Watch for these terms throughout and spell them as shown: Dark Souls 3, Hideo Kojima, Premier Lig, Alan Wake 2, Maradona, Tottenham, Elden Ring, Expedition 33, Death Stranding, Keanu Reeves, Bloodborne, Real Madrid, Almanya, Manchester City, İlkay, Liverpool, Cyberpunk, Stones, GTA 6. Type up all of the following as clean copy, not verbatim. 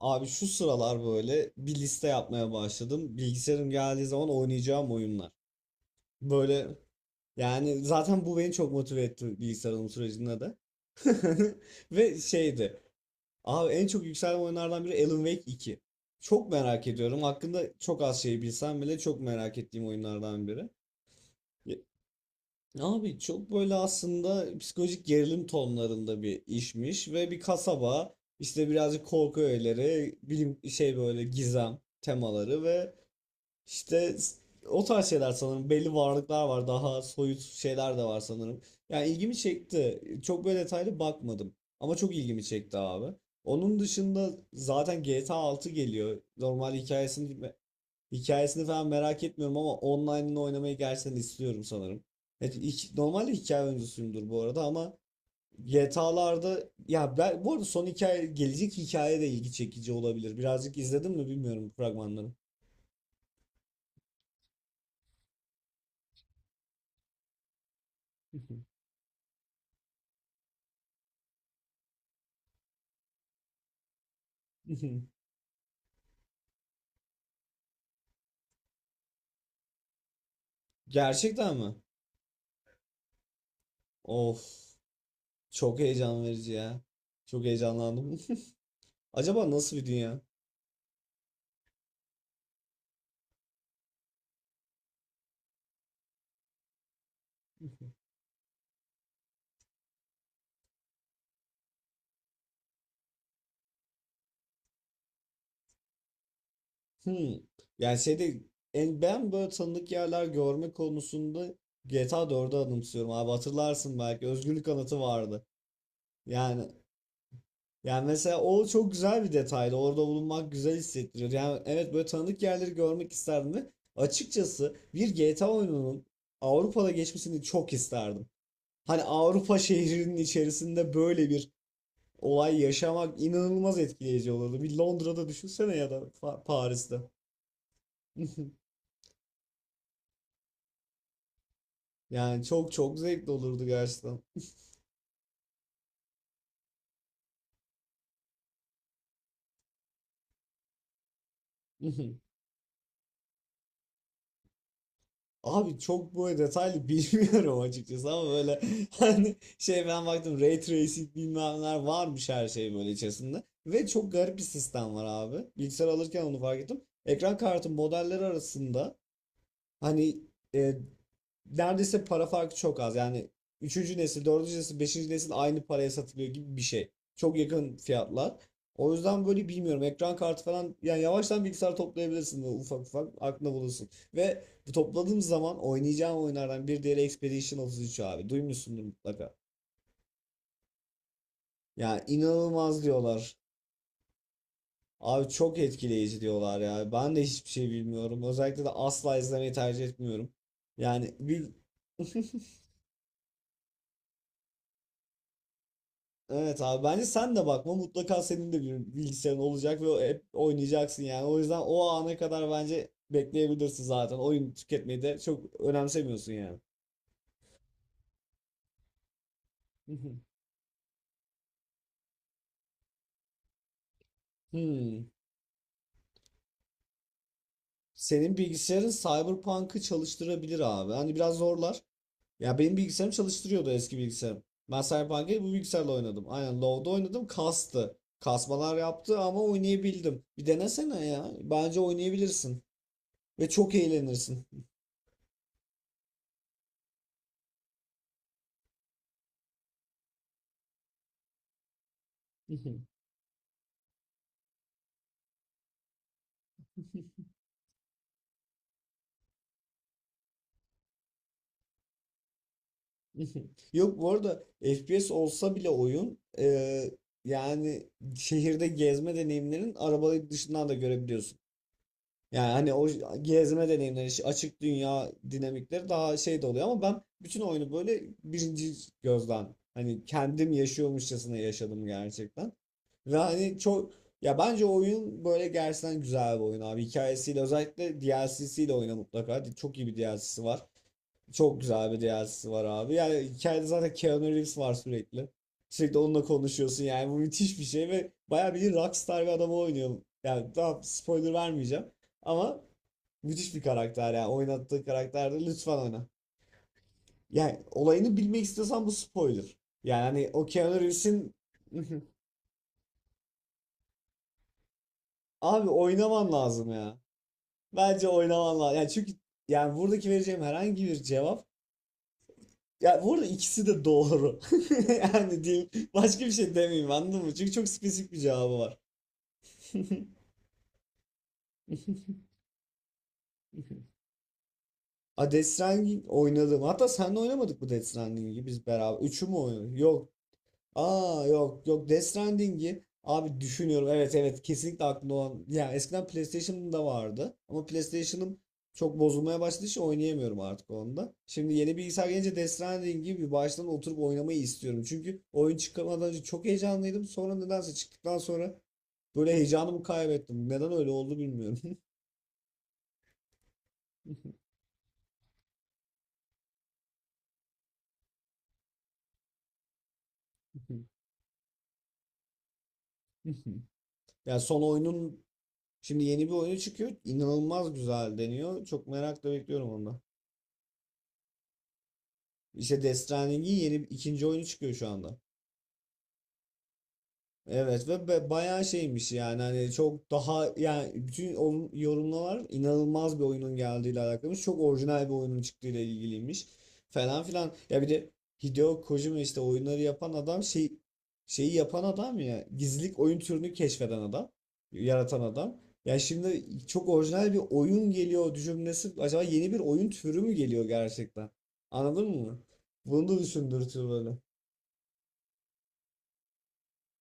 Abi şu sıralar böyle bir liste yapmaya başladım. Bilgisayarım geldiği zaman oynayacağım oyunlar. Böyle yani zaten bu beni çok motive etti bilgisayar alım sürecinde de. Ve şeydi. Abi en çok yükselen oyunlardan biri Alan Wake 2. Çok merak ediyorum. Hakkında çok az şey bilsem bile çok merak ettiğim oyunlardan biri. Abi çok böyle aslında psikolojik gerilim tonlarında bir işmiş ve bir kasaba işte birazcık korku öğeleri, bilim böyle gizem temaları ve işte o tarz şeyler sanırım belli varlıklar var daha soyut şeyler de var sanırım. Yani ilgimi çekti. Çok böyle detaylı bakmadım ama çok ilgimi çekti abi. Onun dışında zaten GTA 6 geliyor. Normal hikayesini Hikayesini falan merak etmiyorum ama online'ını oynamayı gerçekten istiyorum sanırım. Evet, normalde hikaye oyuncusuyumdur bu arada ama GTA'larda ya ben bu arada son hikaye gelecek hikaye de ilgi çekici olabilir. Birazcık izledim mi bilmiyorum bu fragmanları. Gerçekten mi? Of, çok heyecan verici ya. Çok heyecanlandım. Acaba nasıl bir dünya? Hmm. Yani şeyde en ben böyle tanıdık yerler görme konusunda GTA 4'ü anımsıyorum abi hatırlarsın belki özgürlük anıtı vardı. Yani yani mesela o çok güzel bir detaydı. Orada bulunmak güzel hissettiriyor. Yani evet böyle tanıdık yerleri görmek isterdim ve açıkçası bir GTA oyununun Avrupa'da geçmesini çok isterdim. Hani Avrupa şehrinin içerisinde böyle bir olay yaşamak inanılmaz etkileyici olurdu. Bir Londra'da düşünsene ya da Paris'te. Yani çok çok zevkli olurdu gerçekten. Abi çok böyle detaylı bilmiyorum açıkçası ama böyle hani ben baktım ray tracing bilmem neler varmış her şey böyle içerisinde. Ve çok garip bir sistem var abi. Bilgisayar alırken onu fark ettim. Ekran kartı modelleri arasında. Hani e, neredeyse para farkı çok az. Yani üçüncü nesil, dördüncü nesil, beşinci nesil aynı paraya satılıyor gibi bir şey. Çok yakın fiyatlar. O yüzden böyle bilmiyorum. Ekran kartı falan yani yavaştan bilgisayar toplayabilirsin böyle ufak ufak aklına bulursun. Ve bu topladığım zaman oynayacağım oyunlardan bir diğeri Expedition 33 abi. Duymuşsundur mutlaka. Yani inanılmaz diyorlar. Abi çok etkileyici diyorlar ya. Ben de hiçbir şey bilmiyorum. Özellikle de asla izlemeyi tercih etmiyorum. Yani bir Evet abi bence sen de bakma mutlaka senin de bir bilgisayarın olacak ve hep oynayacaksın yani. O yüzden o ana kadar bence bekleyebilirsin zaten. Oyun tüketmeyi de çok önemsemiyorsun yani. Hmm. Senin bilgisayarın Cyberpunk'ı çalıştırabilir abi. Hani biraz zorlar. Ya benim bilgisayarım çalıştırıyordu eski bilgisayarım. Ben Cyberpunk'ı bu bilgisayarla oynadım. Aynen Low'da oynadım. Kastı. Kasmalar yaptı ama oynayabildim. Bir denesene ya. Bence oynayabilirsin. Ve çok eğlenirsin. Yok bu arada FPS olsa bile oyun yani şehirde gezme deneyimlerin arabayı dışından da görebiliyorsun. Yani hani o gezme deneyimleri, işte açık dünya dinamikleri daha şey de oluyor ama ben bütün oyunu böyle birinci gözden hani kendim yaşıyormuşçasına yaşadım gerçekten. Ve hani çok ya bence oyun böyle gerçekten güzel bir oyun abi. Hikayesiyle özellikle DLC'siyle oyna mutlaka. Çok iyi bir DLC'si var. Çok güzel bir DLC'si var abi. Yani hikayede zaten Keanu Reeves var sürekli. Sürekli onunla konuşuyorsun yani bu müthiş bir şey ve bayağı bir Rockstar bir adamı oynuyor. Yani daha spoiler vermeyeceğim. Ama müthiş bir karakter yani oynattığı karakterde lütfen oyna. Yani olayını bilmek istiyorsan bu spoiler. Yani hani o Keanu Reeves'in abi oynaman lazım ya. Bence oynaman lazım. Yani çünkü yani buradaki vereceğim herhangi bir cevap ya burada ikisi de doğru. Yani diyeyim, başka bir şey demeyeyim anladın mı? Çünkü çok spesifik bir cevabı var. A Death Stranding oynadım. Hatta sen de oynamadık bu Death Stranding'i biz beraber. Üçü mü oynadık? Yok. Aa yok yok Death Stranding'i abi düşünüyorum evet evet kesinlikle aklımda olan ya eskiden PlayStation'da vardı ama PlayStation'ım çok bozulmaya başladığı için oynayamıyorum artık onda. Şimdi yeni bilgisayar gelince Death Stranding'i bir baştan oturup oynamayı istiyorum. Çünkü oyun çıkmadan önce çok heyecanlıydım. Sonra nedense çıktıktan sonra böyle heyecanımı kaybettim. Neden öyle oldu bilmiyorum. Ya son oyunun şimdi yeni bir oyunu çıkıyor. İnanılmaz güzel deniyor. Çok merakla bekliyorum onu. İşte Destraning'in yeni ikinci oyunu çıkıyor şu anda. Evet ve bayağı şeymiş yani hani çok daha yani bütün yorumlar inanılmaz bir oyunun geldiğiyle alakalıymış. Çok orijinal bir oyunun çıktığıyla ilgiliymiş falan filan. Ya bir de Hideo Kojima işte oyunları yapan adam şeyi yapan adam ya gizlilik oyun türünü keşfeden adam, yaratan adam. Ya şimdi çok orijinal bir oyun geliyor cümlesi acaba yeni bir oyun türü mü geliyor gerçekten? Anladın mı? Bunu da düşündürtüyor böyle.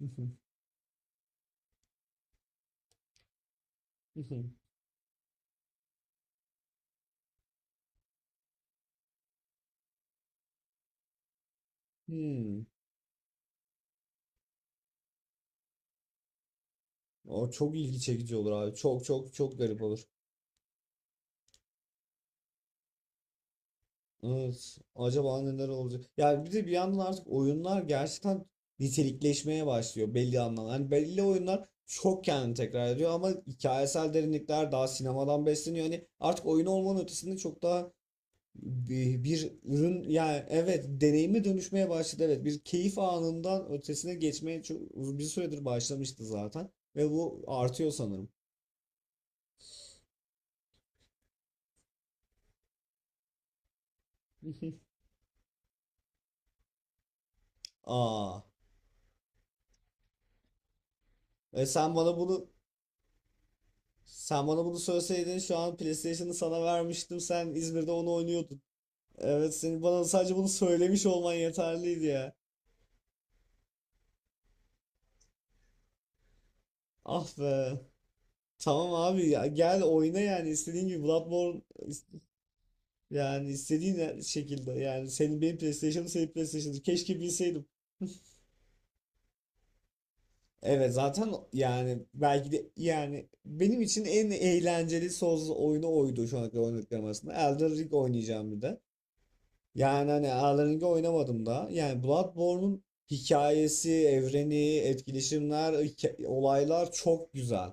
Hı hı, hı hı. Hmm. O çok ilgi çekici olur abi. Çok çok çok garip olur. Evet. Acaba neler olacak? Yani bir de bir yandan artık oyunlar gerçekten nitelikleşmeye başlıyor belli anlamda. Hani belli oyunlar çok kendini tekrar ediyor ama hikayesel derinlikler daha sinemadan besleniyor. Hani artık oyun olmanın ötesinde çok daha bir ürün yani evet deneyimi dönüşmeye başladı evet bir keyif anından ötesine geçmeye çok bir süredir başlamıştı zaten ve bu artıyor sanırım. Aa. E sen bana bunu sen bana bunu söyleseydin şu an PlayStation'ı sana vermiştim. Sen İzmir'de onu oynuyordun. Evet senin bana sadece bunu söylemiş olman yeterliydi ya. Ah be. Tamam abi ya gel oyna yani istediğin gibi Bloodborne yani istediğin şekilde yani senin benim PlayStation'ım senin PlayStation'ın keşke bilseydim. Evet zaten yani belki de yani benim için en eğlenceli Souls oyunu oydu şu ana kadar oynadıklarım arasında. Elden Ring oynayacağım bir de. Yani hani aralarında oynamadım da. Yani Bloodborne'un hikayesi, evreni, etkileşimler, olaylar çok güzel.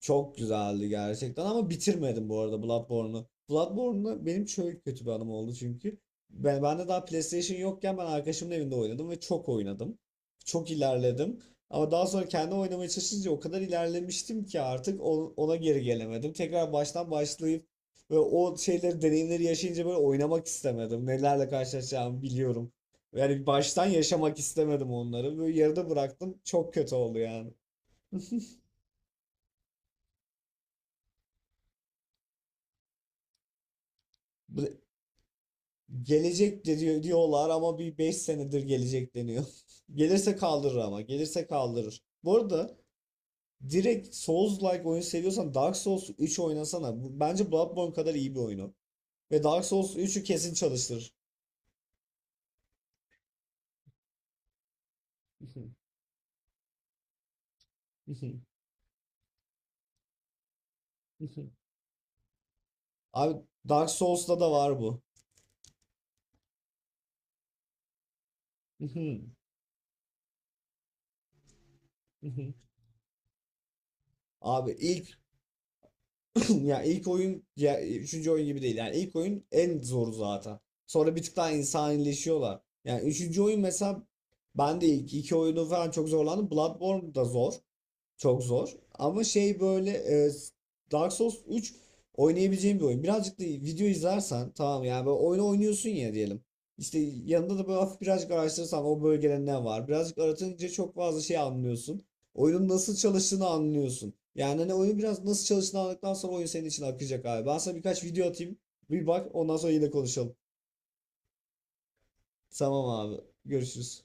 Çok güzeldi gerçekten ama bitirmedim bu arada Bloodborne'u. Bloodborne'da benim şöyle kötü bir anım oldu çünkü. Ben de daha PlayStation yokken ben arkadaşımın evinde oynadım ve çok oynadım. Çok ilerledim. Ama daha sonra kendi oynamaya çalışınca o kadar ilerlemiştim ki artık ona geri gelemedim. Tekrar baştan başlayıp ve o şeyleri, deneyimleri yaşayınca böyle oynamak istemedim. Nelerle karşılaşacağımı biliyorum. Yani baştan yaşamak istemedim onları. Böyle yarıda bıraktım. Çok kötü oldu yani. Gelecek de diyorlar ama bir 5 senedir gelecek deniyor. Gelirse kaldırır ama. Gelirse kaldırır. Bu arada direkt Souls-like oyun seviyorsan Dark Souls 3 oynasana. Bence Bloodborne kadar iyi bir oyunu. Ve Dark Souls 3'ü kesin çalıştır. Abi Dark Souls'ta da var bu. Abi ilk ya ilk oyun ya üçüncü oyun gibi değil. Yani ilk oyun en zoru zaten. Sonra bir tık daha insanileşiyorlar. Yani üçüncü oyun mesela ben de ilk iki oyunu falan çok zorlandım. Bloodborne da zor. Çok zor. Ama böyle e, Dark Souls 3 oynayabileceğim bir oyun. Birazcık da video izlersen tamam yani böyle oyunu oynuyorsun ya diyelim. İşte yanında da böyle hafif birazcık araştırırsan o bölgede ne var. Birazcık aratınca çok fazla şey anlıyorsun. Oyunun nasıl çalıştığını anlıyorsun. Yani hani oyun biraz nasıl çalıştığını anladıktan sonra oyun senin için akacak abi. Ben sana birkaç video atayım. Bir bak ondan sonra yine konuşalım. Tamam abi. Görüşürüz.